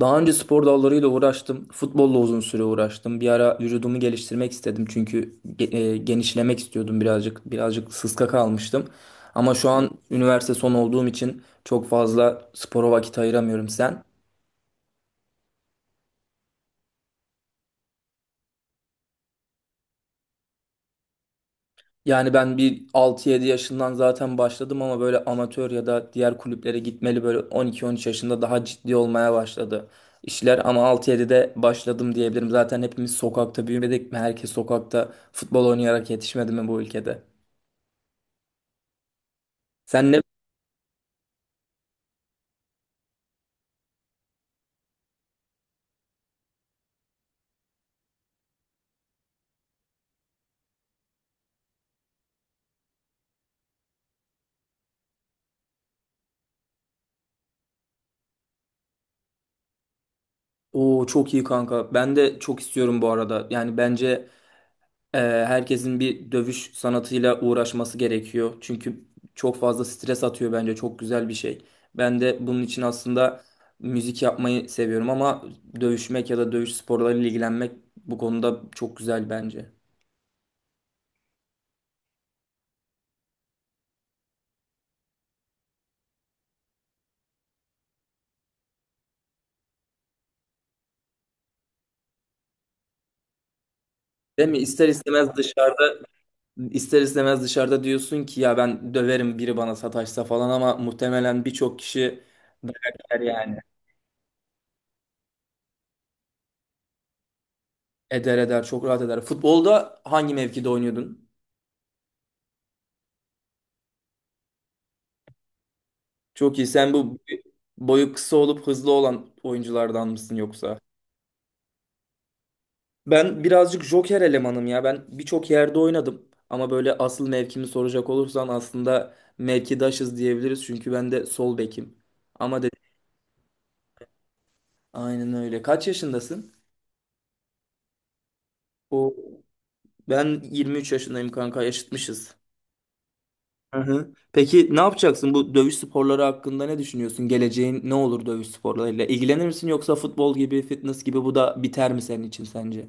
Daha önce spor dallarıyla uğraştım. Futbolla uzun süre uğraştım. Bir ara vücudumu geliştirmek istedim çünkü genişlemek istiyordum birazcık. Birazcık sıska kalmıştım. Ama şu an üniversite son olduğum için çok fazla spora vakit ayıramıyorum sen. Yani ben bir 6-7 yaşından zaten başladım ama böyle amatör ya da diğer kulüplere gitmeli böyle 12-13 yaşında daha ciddi olmaya başladı işler ama 6-7'de başladım diyebilirim. Zaten hepimiz sokakta büyümedik mi? Herkes sokakta futbol oynayarak yetişmedi mi bu ülkede? Sen ne? Oo, çok iyi kanka. Ben de çok istiyorum bu arada. Yani bence herkesin bir dövüş sanatıyla uğraşması gerekiyor. Çünkü çok fazla stres atıyor bence. Çok güzel bir şey. Ben de bunun için aslında müzik yapmayı seviyorum ama dövüşmek ya da dövüş sporlarıyla ilgilenmek bu konuda çok güzel bence. Değil mi? İster istemez dışarıda diyorsun ki ya ben döverim biri bana sataşsa falan ama muhtemelen birçok kişi döver yani. Eder eder, çok rahat eder. Futbolda hangi mevkide oynuyordun? Çok iyi. Sen bu boyu kısa olup hızlı olan oyunculardan mısın yoksa? Ben birazcık joker elemanım ya. Ben birçok yerde oynadım. Ama böyle asıl mevkimi soracak olursan aslında mevkidaşız diyebiliriz. Çünkü ben de sol bekim. Ama dedi aynen öyle. Kaç yaşındasın? O, ben 23 yaşındayım kanka, yaşıtmışız. Hı hı. Peki ne yapacaksın? Bu dövüş sporları hakkında ne düşünüyorsun? Geleceğin ne olur dövüş sporlarıyla? İlgilenir misin yoksa futbol gibi, fitness gibi bu da biter mi senin için sence?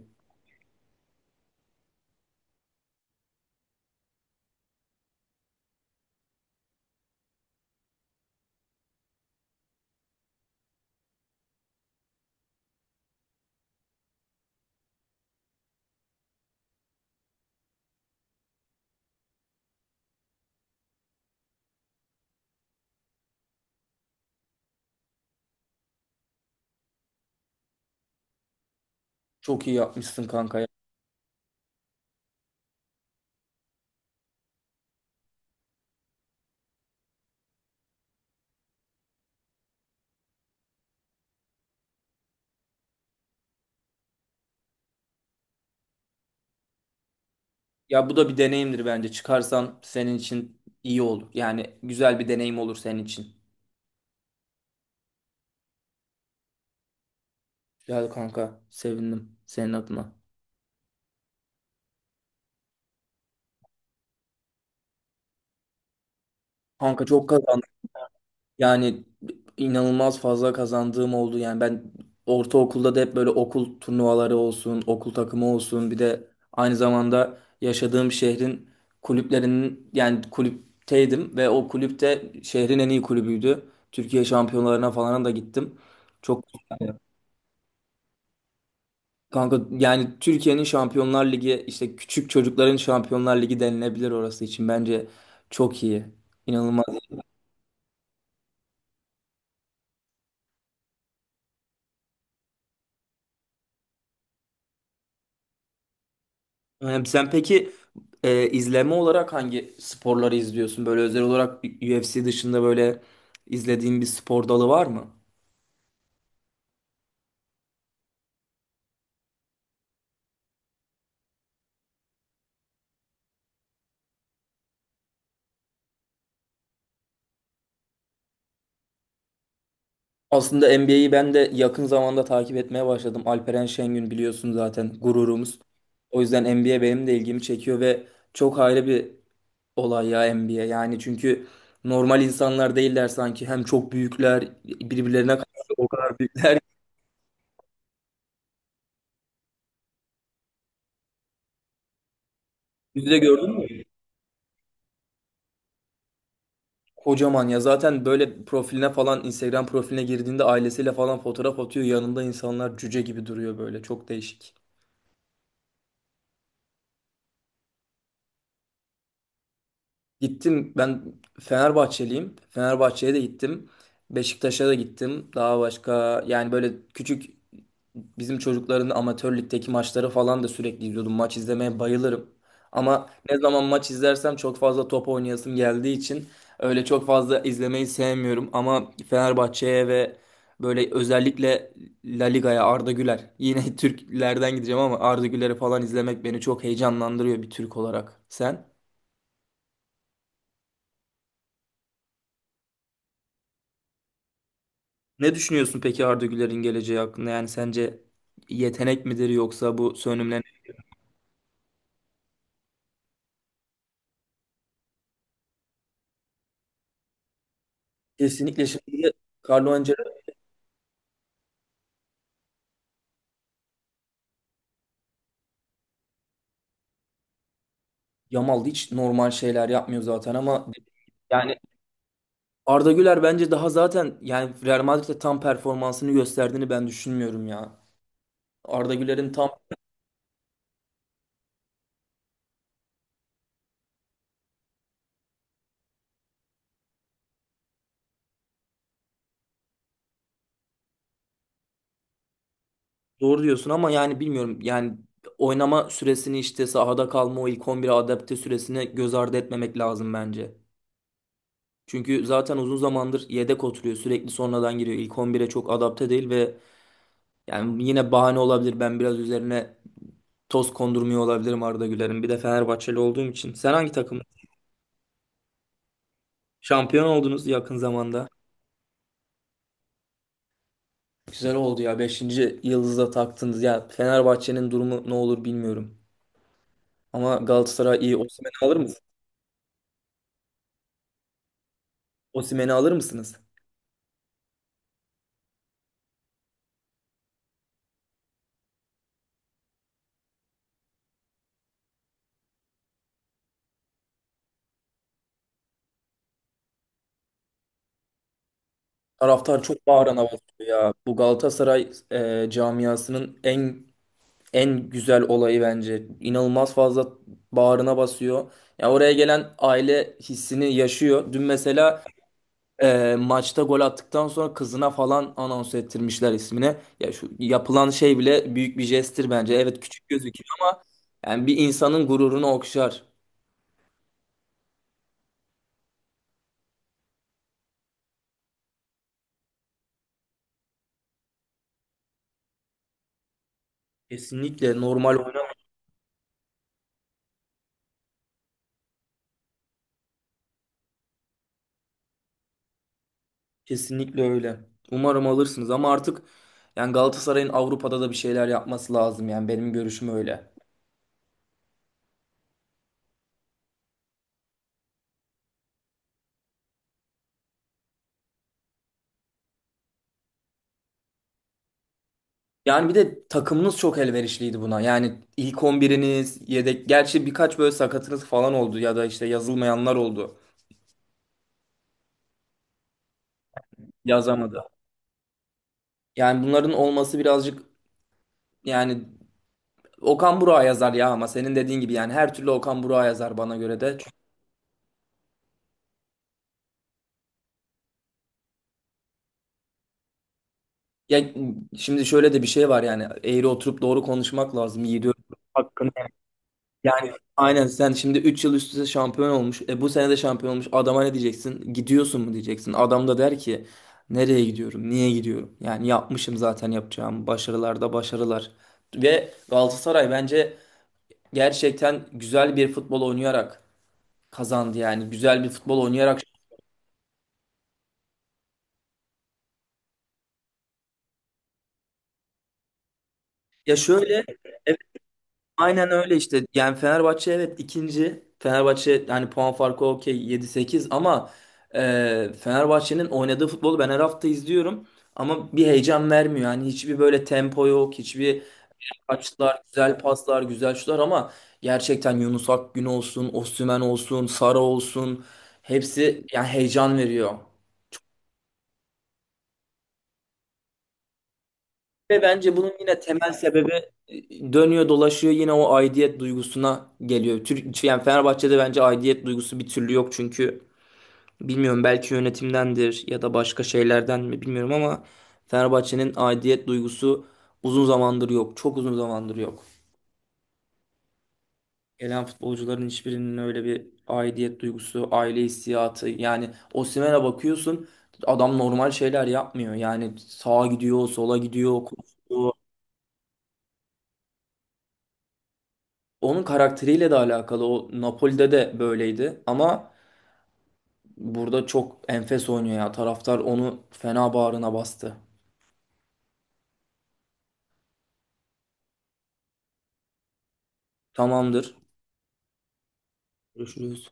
Çok iyi yapmışsın kanka ya. Ya bu da bir deneyimdir bence. Çıkarsan senin için iyi olur. Yani güzel bir deneyim olur senin için. Güzel kanka. Sevindim senin adına. Kanka, çok kazandım. Yani inanılmaz fazla kazandığım oldu. Yani ben ortaokulda da hep böyle okul turnuvaları olsun, okul takımı olsun. Bir de aynı zamanda yaşadığım şehrin kulüplerinin, yani kulüpteydim ve o kulüpte şehrin en iyi kulübüydü. Türkiye şampiyonlarına falan da gittim. Çok kanka, yani Türkiye'nin Şampiyonlar Ligi, işte küçük çocukların Şampiyonlar Ligi denilebilir orası için, bence çok iyi. İnanılmaz. Sen peki izleme olarak hangi sporları izliyorsun? Böyle özel olarak UFC dışında böyle izlediğin bir spor dalı var mı? Aslında NBA'yi ben de yakın zamanda takip etmeye başladım. Alperen Şengün biliyorsun zaten gururumuz. O yüzden NBA benim de ilgimi çekiyor ve çok ayrı bir olay ya NBA. Yani çünkü normal insanlar değiller sanki. Hem çok büyükler, birbirlerine karşı o kadar büyükler. Yüzde gördün mü? Kocaman ya, zaten böyle profiline falan, Instagram profiline girdiğinde ailesiyle falan fotoğraf atıyor. Yanında insanlar cüce gibi duruyor böyle. Çok değişik. Gittim, ben Fenerbahçeliyim. Fenerbahçe'ye de gittim. Beşiktaş'a da gittim. Daha başka, yani böyle bizim çocukların amatör ligdeki maçları falan da sürekli izliyordum. Maç izlemeye bayılırım. Ama ne zaman maç izlersem çok fazla top oynayasım geldiği için öyle çok fazla izlemeyi sevmiyorum. Ama Fenerbahçe'ye ve böyle özellikle La Liga'ya. Arda Güler, yine Türklerden gideceğim ama Arda Güler'i falan izlemek beni çok heyecanlandırıyor bir Türk olarak. Sen ne düşünüyorsun peki Arda Güler'in geleceği hakkında? Yani sence yetenek midir yoksa bu sönümlenen? Kesinlikle şimdi de Carlo Yamal hiç normal şeyler yapmıyor zaten ama yani Arda Güler bence daha, zaten yani Real Madrid'de tam performansını gösterdiğini ben düşünmüyorum ya. Arda Güler'in tam, doğru diyorsun ama yani bilmiyorum, yani oynama süresini, işte sahada kalma o ilk 11'e adapte süresini göz ardı etmemek lazım bence. Çünkü zaten uzun zamandır yedek oturuyor, sürekli sonradan giriyor, ilk 11'e çok adapte değil ve yani yine bahane olabilir, ben biraz üzerine toz kondurmuyor olabilirim Arda Güler'in, bir de Fenerbahçeli olduğum için. Sen hangi takım? Şampiyon oldunuz yakın zamanda. Güzel oldu ya. Beşinci yıldızı da taktınız. Ya Fenerbahçe'nin durumu ne olur bilmiyorum. Ama Galatasaray iyi. Osimhen'i alır mısınız? Osimhen'i alır mısınız? Taraftar çok bağrına basıyor ya. Bu Galatasaray camiasının en güzel olayı bence. İnanılmaz fazla bağrına basıyor. Ya, oraya gelen aile hissini yaşıyor. Dün mesela maçta gol attıktan sonra kızına falan anons ettirmişler ismini. Ya şu yapılan şey bile büyük bir jesttir bence. Evet, küçük gözüküyor ama yani bir insanın gururunu okşar. Kesinlikle normal oynamıyor. Kesinlikle öyle. Umarım alırsınız ama artık yani Galatasaray'ın Avrupa'da da bir şeyler yapması lazım, yani benim görüşüm öyle. Yani bir de takımınız çok elverişliydi buna. Yani ilk on biriniz, yedek, gerçi birkaç böyle sakatınız falan oldu ya da işte yazılmayanlar oldu. Yazamadı. Yani bunların olması birazcık, yani Okan Burak'a yazar ya ama senin dediğin gibi yani her türlü Okan Burak'a yazar bana göre de. Çünkü- Ya şimdi şöyle de bir şey var, yani eğri oturup doğru konuşmak lazım Yiğit Öztürk hakkında. Yani aynen, sen şimdi 3 yıl üst üste şampiyon olmuş. Bu sene de şampiyon olmuş. Adama ne diyeceksin? Gidiyorsun mu diyeceksin. Adam da der ki nereye gidiyorum? Niye gidiyorum? Yani yapmışım, zaten yapacağım. Başarılarda başarılar. Ve Galatasaray bence gerçekten güzel bir futbol oynayarak kazandı yani. Güzel bir futbol oynayarak. Ya şöyle, evet, aynen öyle işte. Yani Fenerbahçe evet ikinci. Fenerbahçe hani puan farkı okey 7-8 ama Fenerbahçe'nin oynadığı futbolu ben her hafta izliyorum. Ama bir heyecan vermiyor. Yani hiçbir böyle tempo yok, hiçbir, açıklar, güzel paslar, güzel şutlar ama gerçekten Yunus Akgün olsun, Osimhen olsun, Sara olsun, hepsi yani heyecan veriyor. Ve bence bunun yine temel sebebi, dönüyor dolaşıyor yine o aidiyet duygusuna geliyor. Yani Fenerbahçe'de bence aidiyet duygusu bir türlü yok çünkü bilmiyorum, belki yönetimdendir ya da başka şeylerden mi bilmiyorum ama Fenerbahçe'nin aidiyet duygusu uzun zamandır yok. Çok uzun zamandır yok. Gelen futbolcuların hiçbirinin öyle bir aidiyet duygusu, aile hissiyatı, yani Osimhen'e bakıyorsun adam normal şeyler yapmıyor. Yani sağa gidiyor, sola gidiyor, koşuyor. Onun karakteriyle de alakalı. O Napoli'de de böyleydi ama burada çok enfes oynuyor ya. Taraftar onu fena bağrına bastı. Tamamdır. Görüşürüz.